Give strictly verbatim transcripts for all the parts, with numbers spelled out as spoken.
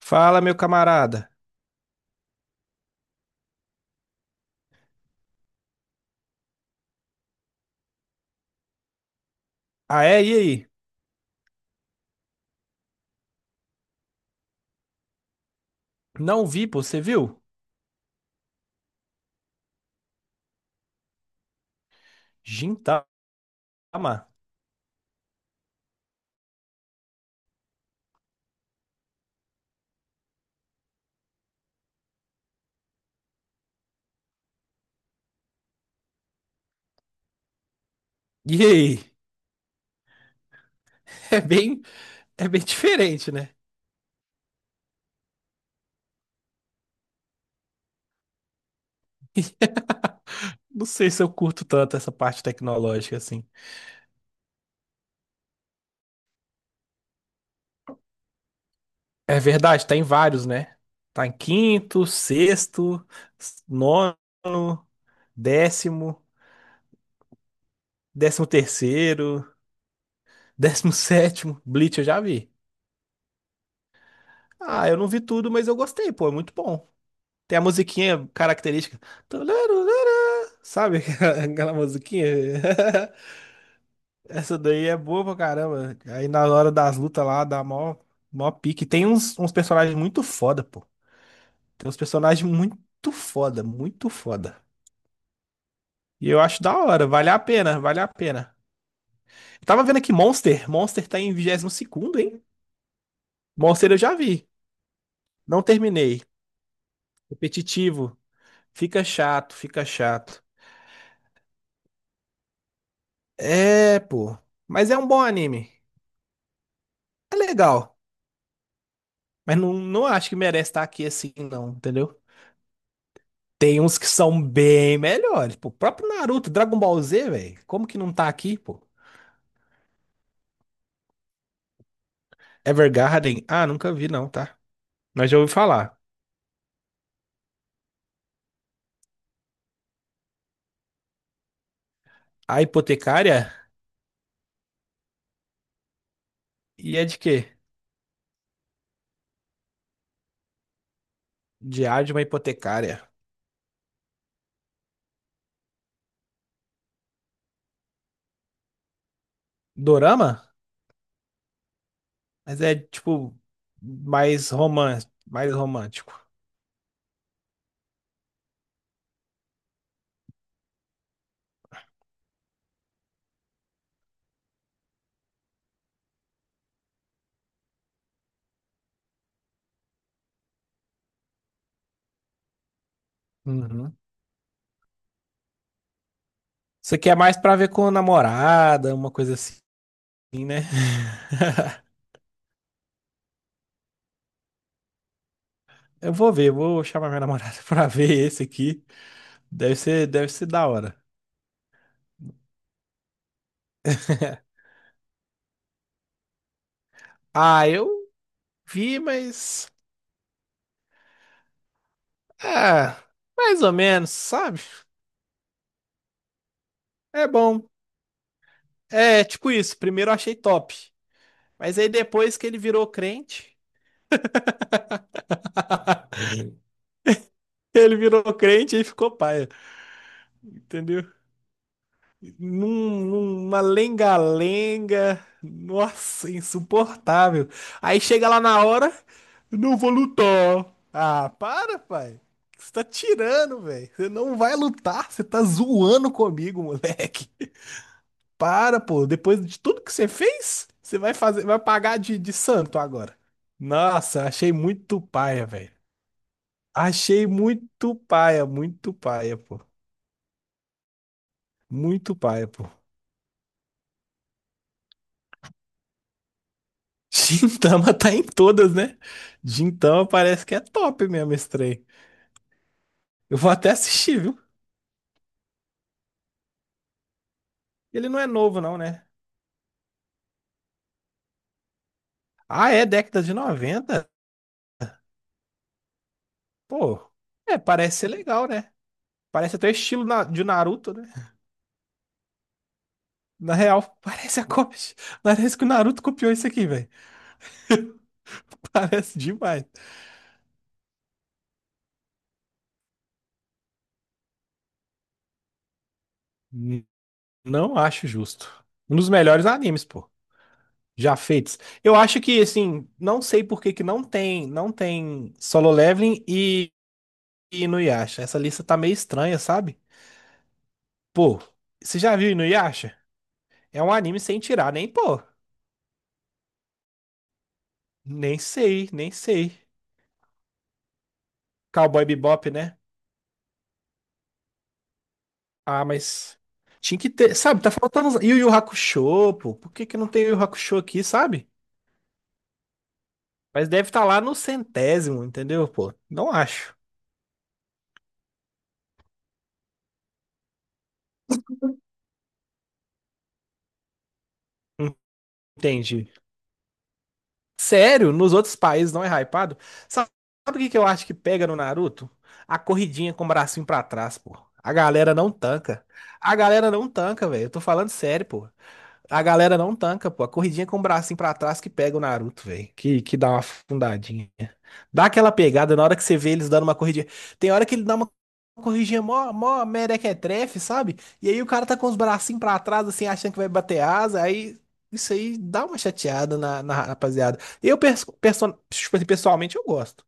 Fala, meu camarada. Ah, é? E aí? Não vi, pô, você viu? Gintama. E aí? É bem, é bem diferente, né? Não sei se eu curto tanto essa parte tecnológica assim. É verdade, tá em vários, né? Tá em quinto, sexto, nono, décimo, décimo terceiro, décimo sétimo. Bleach eu já vi. Ah, eu não vi tudo, mas eu gostei, pô, é muito bom. Tem a musiquinha característica. Sabe aquela, aquela musiquinha? Essa daí é boa pra caramba. Aí na hora das lutas lá, dá mó, mó pique. Tem uns, uns personagens muito foda, pô. Tem uns personagens muito foda, muito foda. E eu acho da hora, vale a pena, vale a pena. Eu tava vendo aqui Monster. Monster tá em vigésimo segundo, hein? Monster eu já vi. Não terminei. Repetitivo. Fica chato, fica chato. É, pô. Mas é um bom anime. É legal. Mas não, não acho que merece estar aqui assim, não, entendeu? Tem uns que são bem melhores. Pô, o próprio Naruto, Dragon Ball Z, velho. Como que não tá aqui, pô? Evergarden. Ah, nunca vi, não, tá? Mas já ouvi falar. A hipotecária? E é de quê? Diário de uma hipotecária. Dorama? Mas é, tipo, mais romance, mais romântico. Uhum. Isso aqui é mais pra ver com a namorada, uma coisa assim, né? Eu vou ver, vou chamar minha namorada pra ver esse aqui. Deve ser, deve ser da hora. Ah, eu vi, mas. Ah, mais ou menos, sabe? É bom. É, tipo isso. Primeiro eu achei top. Mas aí depois que ele virou crente, ele virou crente e ficou paia. Entendeu? Num- numa lenga-lenga, nossa, insuportável. Aí chega lá na hora, não vou lutar. Ah, para, pai. Você tá tirando, velho. Você não vai lutar, você tá zoando comigo, moleque. Para, pô. Depois de tudo que você fez, você vai fazer, vai pagar de, de santo agora. Nossa, achei muito paia, velho. Achei muito paia, muito paia, pô. Muito paia, pô. Gintama tá em todas, né? Gintama parece que é top mesmo esse trem. Eu vou até assistir, viu? Ele não é novo, não, né? Ah, é década de noventa. Pô, é, parece ser legal, né? Parece até o estilo na- de Naruto, né? Na real, parece a cópia. de- Parece que o Naruto copiou isso aqui, velho. Parece demais. N- Não acho justo. Um dos melhores animes, pô. Já feitos. Eu acho que, assim, não sei por que que não tem, não tem Solo Leveling e e Inuyasha. Essa lista tá meio estranha, sabe? Pô, você já viu Inuyasha? É um anime sem tirar, nem pô. Nem sei, nem sei. Cowboy Bebop, né? Ah, mas tinha que ter, sabe? Tá faltando uns- Yu Yu Hakusho, pô. Por que que não tem Yu Yu Hakusho aqui, sabe? Mas deve estar lá no centésimo, entendeu, pô? Não acho. Entendi. Sério, nos outros países não é hypado. Sabe o que que eu acho que pega no Naruto? A corridinha com o bracinho pra trás, pô. A galera não tanca. A galera não tanca, velho. Eu tô falando sério, pô. A galera não tanca, pô. A corridinha com o bracinho pra trás que pega o Naruto, velho. Que, que dá uma afundadinha. Dá aquela pegada na hora que você vê eles dando uma corridinha. Tem hora que ele dá uma corridinha mó, mó merequetrefe, sabe? E aí o cara tá com os bracinhos pra trás, assim, achando que vai bater asa. Aí isso aí dá uma chateada na, na rapaziada. Eu, perso- perso- tipo assim, pessoalmente, eu gosto.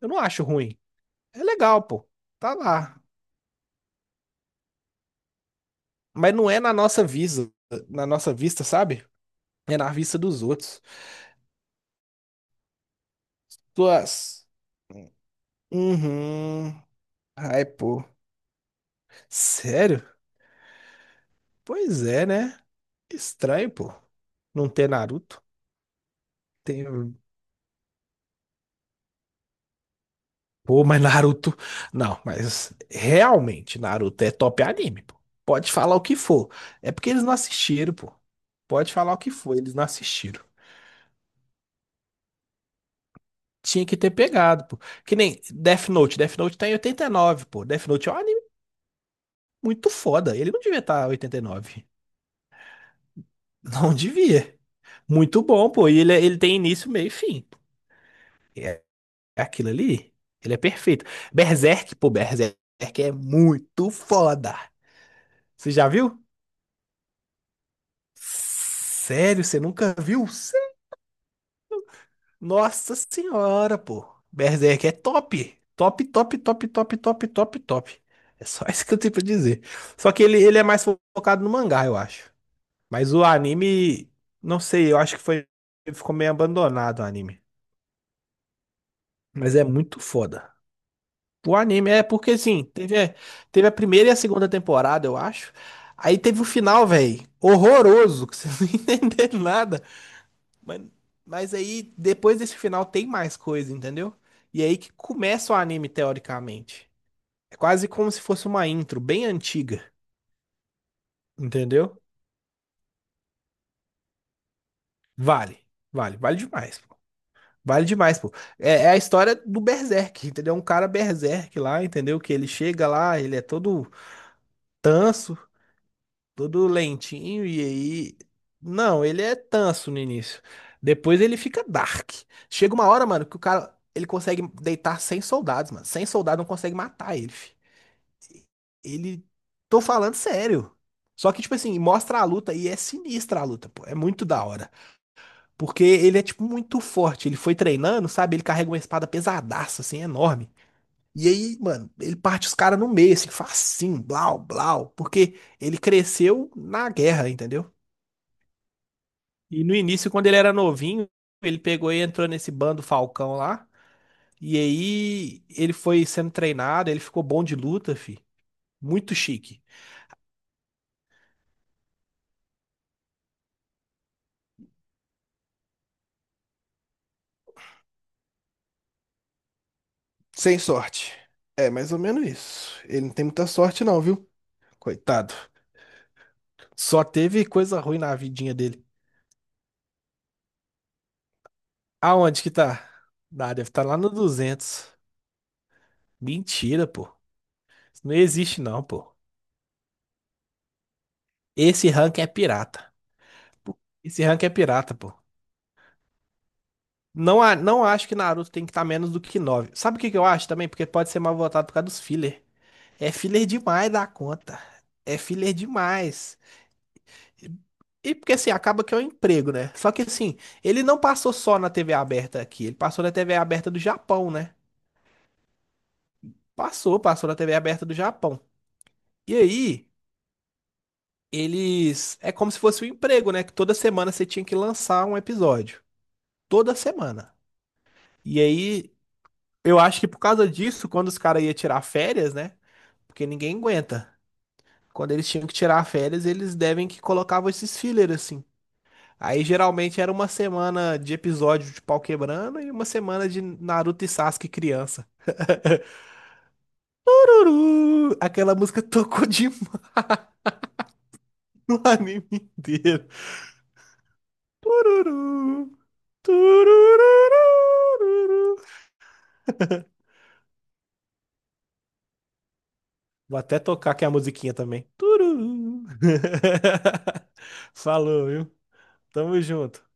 Eu não acho ruim. É legal, pô. Tá lá. Mas não é na nossa vista, na nossa vista, sabe? É na vista dos outros. Tuas. Uhum. Ai, pô. Sério? Pois é, né? Estranho, pô. Não ter Naruto. Tem... Pô, mas Naruto. Não, mas realmente, Naruto é top anime, pô. Pode falar o que for. É porque eles não assistiram, pô. Pode falar o que for, eles não assistiram. Tinha que ter pegado, pô. Que nem Death Note. Death Note tá em oitenta e nove, pô. Death Note é um anime muito foda. Ele não devia estar tá oitenta e nove. Não devia. Muito bom, pô. E ele, é, ele tem início, meio e fim. É aquilo ali, ele é perfeito. Berserk, pô, Berserk é muito foda. Você já viu? Sério, você nunca viu? Sé- Nossa senhora, pô. Berserk é top. Top, top, top, top, top, top, top. É só isso que eu tenho pra dizer. Só que ele, ele é mais focado no mangá, eu acho. Mas o anime, não sei, eu acho que foi, ficou meio abandonado o anime. Mas é muito foda. O anime, é porque assim, teve, é, teve a primeira e a segunda temporada, eu acho. Aí teve o final, velho, horroroso, que você não entendeu nada. Mas, mas aí, depois desse final, tem mais coisa, entendeu? E é aí que começa o anime, teoricamente. É quase como se fosse uma intro bem antiga, entendeu? Vale, vale, vale demais, pô. Vale demais, pô. É, é a história do Berserk, entendeu? Um cara Berserk lá, entendeu? Que ele chega lá, ele é todo tanso. Todo lentinho e aí. Não, ele é tanso no início. Depois ele fica dark. Chega uma hora, mano, que o cara ele consegue deitar cem soldados, mano. cem soldados não consegue matar ele, fi. Ele. Tô falando sério. Só que, tipo assim, mostra a luta e é sinistra a luta, pô. É muito da hora. Porque ele é, tipo, muito forte. Ele foi treinando, sabe? Ele carrega uma espada pesadaça, assim, enorme. E aí, mano, ele parte os caras no meio, assim, facinho, blau, blau. Porque ele cresceu na guerra, entendeu? E no início, quando ele era novinho, ele pegou e entrou nesse bando Falcão lá. E aí ele foi sendo treinado, ele ficou bom de luta, fi. Muito chique. Sem sorte. É mais ou menos isso. Ele não tem muita sorte, não, viu? Coitado. Só teve coisa ruim na vidinha dele. Aonde que tá? Ah, deve estar lá no duzentos. Mentira, pô. Isso não existe, não, pô. Esse rank é pirata. Esse rank é pirata, pô. Não, a- não acho que Naruto tem que estar menos do que nove. Sabe o que que eu acho também? Porque pode ser mal votado por causa dos filler. É filler demais da conta. É filler demais. E e porque assim, acaba que é um emprego, né? Só que assim, ele não passou só na tê vê aberta aqui, ele passou na tê vê aberta do Japão, né? Passou, passou na tê vê aberta do Japão. E aí, eles. É como se fosse um emprego, né? Que toda semana você tinha que lançar um episódio. Toda semana. E aí, eu acho que por causa disso, quando os caras iam tirar férias, né? Porque ninguém aguenta. Quando eles tinham que tirar férias, eles devem que colocavam esses filler assim. Aí geralmente era uma semana de episódio de pau quebrando e uma semana de Naruto e Sasuke criança. Tururu! Aquela música tocou de no anime inteiro. Tururu! Turururururu. Vou até tocar aqui a musiquinha também. Tururu! Falou, viu? Tamo junto.